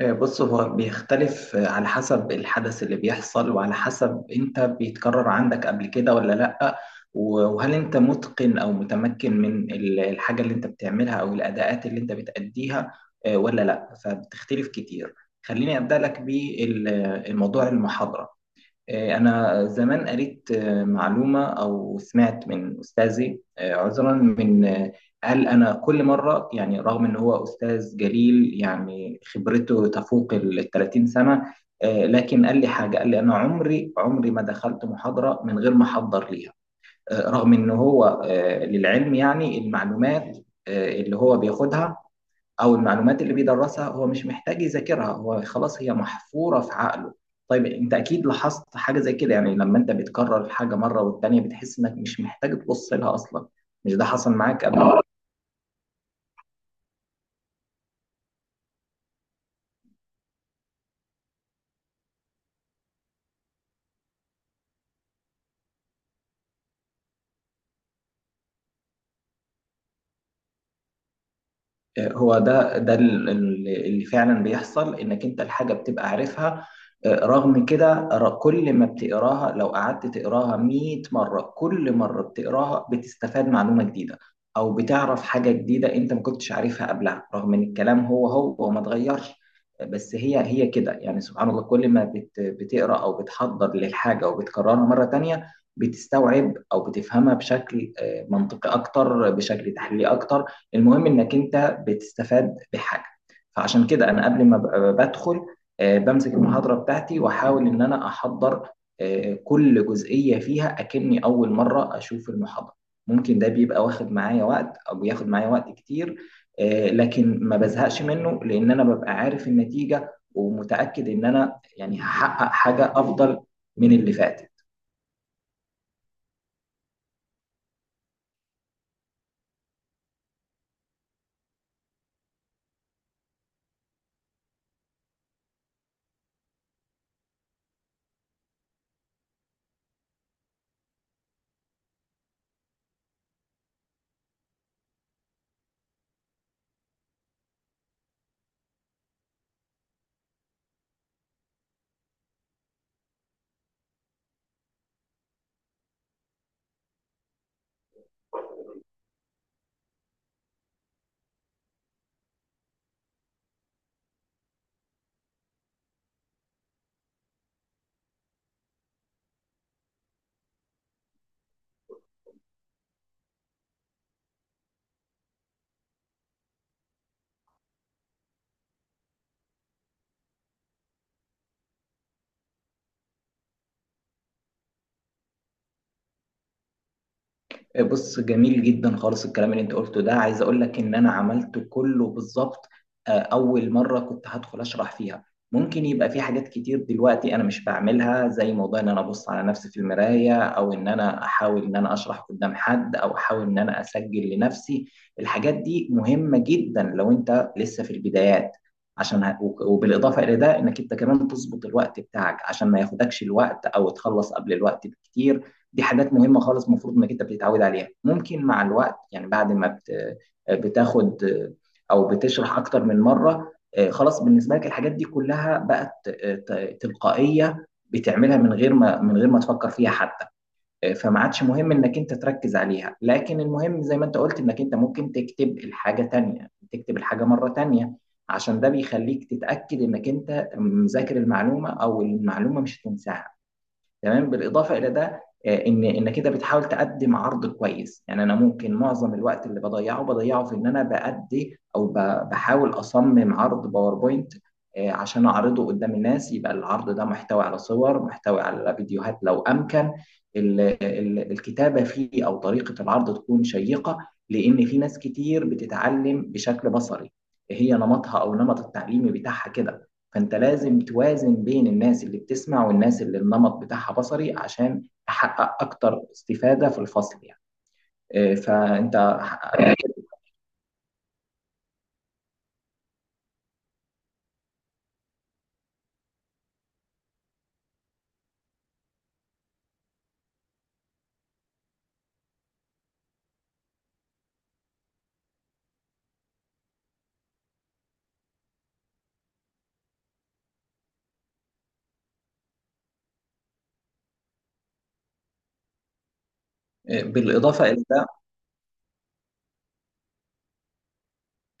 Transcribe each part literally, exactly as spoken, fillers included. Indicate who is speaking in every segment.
Speaker 1: آه، بص هو بيختلف آه، على حسب الحدث اللي بيحصل وعلى حسب انت بيتكرر عندك قبل كده ولا لأ. و- وهل انت متقن او متمكن من ال- الحاجة اللي انت بتعملها او الأداءات اللي انت بتأديها آه، ولا لأ، فبتختلف كتير. خليني أبدأ لك بالموضوع المحاضرة. آه، أنا زمان قريت آه، معلومة أو سمعت من أستاذي، آه، عذرا من آه، قال: أنا كل مرة يعني رغم إن هو أستاذ جليل يعني خبرته تفوق ال ثلاثين سنة، آه، لكن قال لي حاجة، قال لي: أنا عمري عمري ما دخلت محاضرة من غير ما أحضر ليها، آه، رغم إن هو آه، للعلم يعني المعلومات آه، اللي هو بياخدها او المعلومات اللي بيدرسها هو مش محتاج يذاكرها، هو خلاص هي محفورة في عقله. طيب انت اكيد لاحظت حاجة زي كده، يعني لما انت بتكرر الحاجة مرة والتانية بتحس انك مش محتاج تبص لها اصلا. مش ده حصل معاك قبل؟ هو ده ده ال- ال- اللي فعلا بيحصل، انك انت الحاجه بتبقى عارفها، آه، رغم كده ر- كل ما بتقراها، لو قعدت تقراها مئة مره كل مره بتقراها بتستفاد معلومه جديده او بتعرف حاجه جديده انت ما كنتش عارفها قبلها، رغم ان الكلام هو هو وما اتغيرش. آه، بس هي هي كده يعني، سبحان الله، كل ما بت- بتقرا او بتحضر للحاجه وبتكررها مره تانية بتستوعب او بتفهمها بشكل آه، منطقي اكتر، بشكل تحليلي اكتر. المهم انك انت انت بتستفاد بحاجه. فعشان كده انا قبل ما ب- بدخل آه، بمسك المحاضره بتاعتي واحاول ان انا احضر آه، كل جزئيه فيها، اكني اول مره اشوف المحاضره. ممكن ده بيبقى واخد معايا وقت او بياخد معايا وقت كتير، آه، لكن ما بزهقش منه لان انا ببقى عارف النتيجه ومتاكد ان انا يعني هحقق حاجه افضل من اللي فات. بص، جميل جدا خالص الكلام اللي انت قلته ده، عايز اقول لك ان انا عملته كله بالظبط. آه، اول مره كنت هدخل اشرح فيها ممكن يبقى في حاجات كتير دلوقتي انا مش بعملها، زي موضوع ان انا ابص على نفسي في المرايه، او ان انا احاول ان انا اشرح قدام حد، او احاول ان انا اسجل لنفسي. الحاجات دي مهمه جدا لو انت لسه في البدايات، عشان ه- وك- وبالاضافه الى ده انك انت كمان تظبط الوقت بتاعك عشان ما ياخدكش الوقت او تخلص قبل الوقت بكتير. دي حاجات مهمة خالص المفروض انك انت بتتعود عليها. ممكن مع الوقت يعني بعد ما بت- بتاخد او بتشرح اكتر من مرة آه، خلاص بالنسبة لك الحاجات دي كلها بقت آه، ت- تلقائية، بتعملها من غير ما من غير ما تفكر فيها حتى، آه، فما عادش مهم انك انت تركز عليها. لكن المهم زي ما انت قلت، انك انت ممكن تكتب الحاجة تانية، تكتب الحاجة مرة تانية، عشان ده بيخليك تتأكد انك انت مذاكر المعلومة او المعلومة مش هتنساها. تمام. بالاضافه الى ده آه، ان ان كده بتحاول تقدم عرض كويس. يعني انا ممكن معظم الوقت اللي بضيعه بضيعه في ان انا بأدي او ب- بحاول اصمم عرض باوربوينت آه، عشان اعرضه قدام الناس. يبقى العرض ده محتوي على صور، محتوي على فيديوهات لو امكن، ال- ال- الكتابه فيه او طريقه العرض تكون شيقه، لان في ناس كتير بتتعلم بشكل بصري، هي نمطها او نمط التعليمي بتاعها كده. فانت لازم توازن بين الناس اللي بتسمع والناس اللي النمط بتاعها بصري عشان تحقق اكتر استفادة في الفصل يعني. آه، فانت آه، بالاضافة الى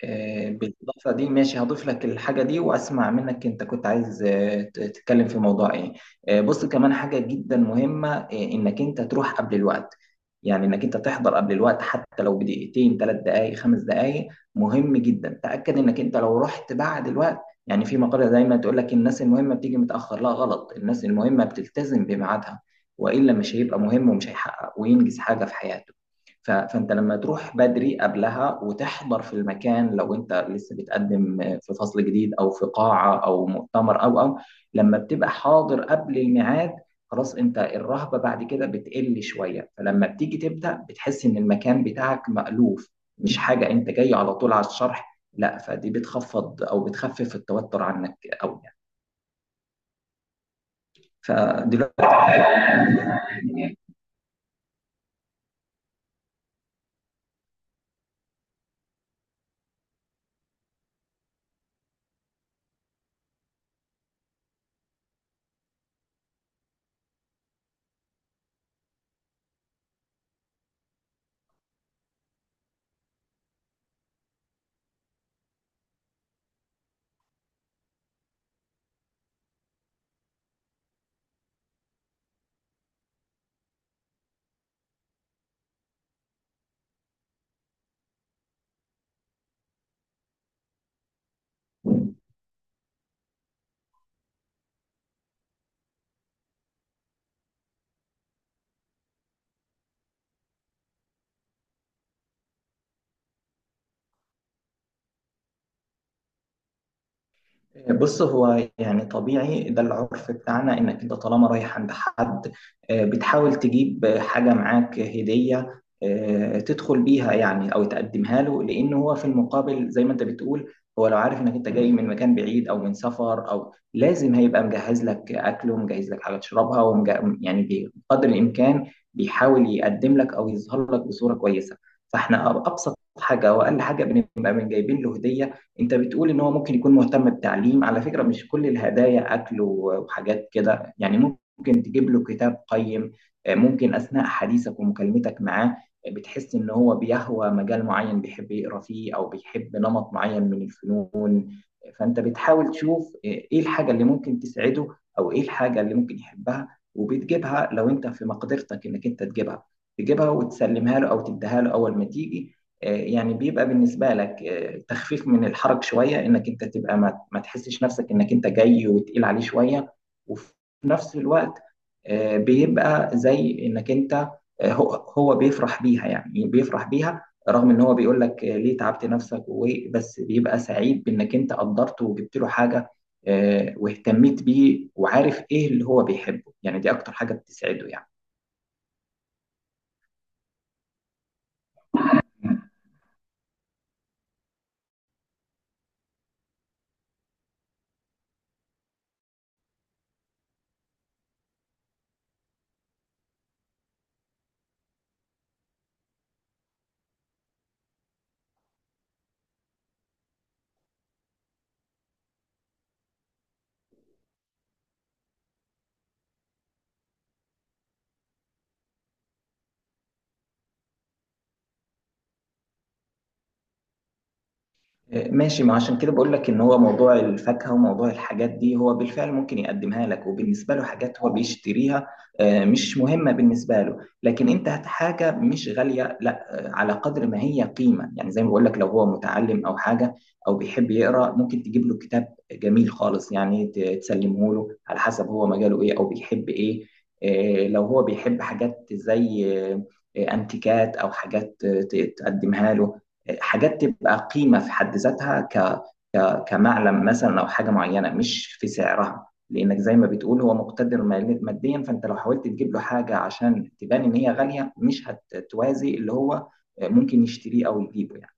Speaker 1: آه، بالإضافة دي ماشي، هضيف لك الحاجة دي وأسمع منك، أنت كنت عايز آه، ت- تتكلم في موضوع إيه؟ آه، بص، كمان حاجة جدا مهمة، آه، إنك أنت تروح قبل الوقت، يعني إنك أنت تحضر قبل الوقت حتى لو بدقيقتين، ثلاث دقايق، خمس دقايق. مهم جدا تأكد إنك أنت لو رحت بعد الوقت، يعني في مقالة دايما تقول لك: الناس المهمة بتيجي متأخر، لا غلط، الناس المهمة بتلتزم بميعادها، وإلا مش هيبقى مهم ومش هيحقق وينجز حاجة في حياته. ف- فانت لما تروح بدري قبلها وتحضر في المكان، لو انت لسه بتقدم في فصل جديد او في قاعه او مؤتمر او او لما بتبقى حاضر قبل الميعاد، خلاص انت الرهبه بعد كده بتقل شويه، فلما بتيجي تبدا بتحس ان المكان بتاعك مألوف، مش حاجه انت جاي على طول على الشرح، لا، فدي بتخفض او بتخفف التوتر عنك قوي يعني. فدلوقتي بص، هو يعني طبيعي، ده العرف بتاعنا، انك انت طالما رايح عند حد، آه، بتحاول تجيب حاجة معاك هدية آه، تدخل بيها يعني او تقدمها له، لان هو في المقابل زي ما انت بتقول، هو لو عارف انك انت جاي من مكان بعيد او من سفر، او لازم هيبقى مجهز لك اكل ومجهز لك حاجة تشربها ومج- يعني بقدر الامكان بيحاول يقدم لك او يظهر لك بصورة كويسة. فاحنا ابسط حاجة واقل حاجة بنبقى من جايبين له هدية. انت بتقول ان هو ممكن يكون مهتم بالتعليم، على فكرة مش كل الهدايا اكل و- وحاجات كده يعني، ممكن تجيب له كتاب قيم. آه، ممكن اثناء حديثك ومكالمتك معاه آه، بتحس ان هو بيهوى مجال معين بيحب يقرا فيه، او بيحب نمط معين من الفنون، فانت بتحاول تشوف ايه الحاجه اللي ممكن تسعده، او ايه الحاجه اللي ممكن يحبها، وبتجيبها. لو انت في مقدرتك انك انت تجيبها، تجيبها وتسلمها له او تديها له اول ما تيجي، آه، يعني بيبقى بالنسبه لك آه، تخفيف من الحرج شويه، انك انت تبقى ما ما تحسش نفسك انك انت جاي وتقيل عليه شويه. وفي نفس الوقت آه، بيبقى زي انك انت آه، هو هو بيفرح بيها يعني، بيفرح بيها، رغم ان هو بيقول لك آه، ليه تعبت نفسك و- بس بيبقى سعيد بانك انت قدرته وجبت له حاجه آه، واهتميت بيه وعارف ايه اللي هو بيحبه، يعني دي اكتر حاجه بتسعده يعني. ماشي، ما عشان كده بقول لك ان هو موضوع الفاكهه وموضوع الحاجات دي هو بالفعل ممكن يقدمها لك، وبالنسبه له حاجات هو بيشتريها، آه، مش مهمه بالنسبه له. لكن انت هات حاجه مش غاليه، لا آه، على قدر ما هي قيمه، يعني زي ما بقول لك لو هو متعلم او حاجه او بيحب يقرا، ممكن تجيب له كتاب جميل خالص، يعني ت- تسلمه له على حسب هو مجاله ايه او بيحب ايه. آه، لو هو بيحب حاجات زي آه، آه، انتيكات او حاجات آه، ت- تقدمها له، حاجات تبقى قيمة في حد ذاتها، ك... ك... كمعلم مثلا، أو حاجة معينة مش في سعرها، لأنك زي ما بتقول هو مقتدر مال- ماديا، فأنت لو حاولت تجيب له حاجة عشان تبان إن هي غالية، مش هتوازي اللي هو ممكن يشتريه أو يجيبه يعني.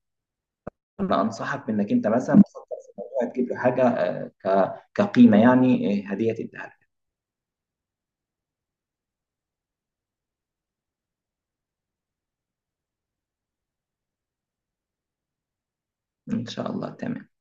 Speaker 1: أنا أنصحك بإنك أنت مثلا تفكر في الموضوع، تجيب له حاجة آه، ك... كقيمة يعني، آه، هدية تديها له. إن شاء الله. تمام.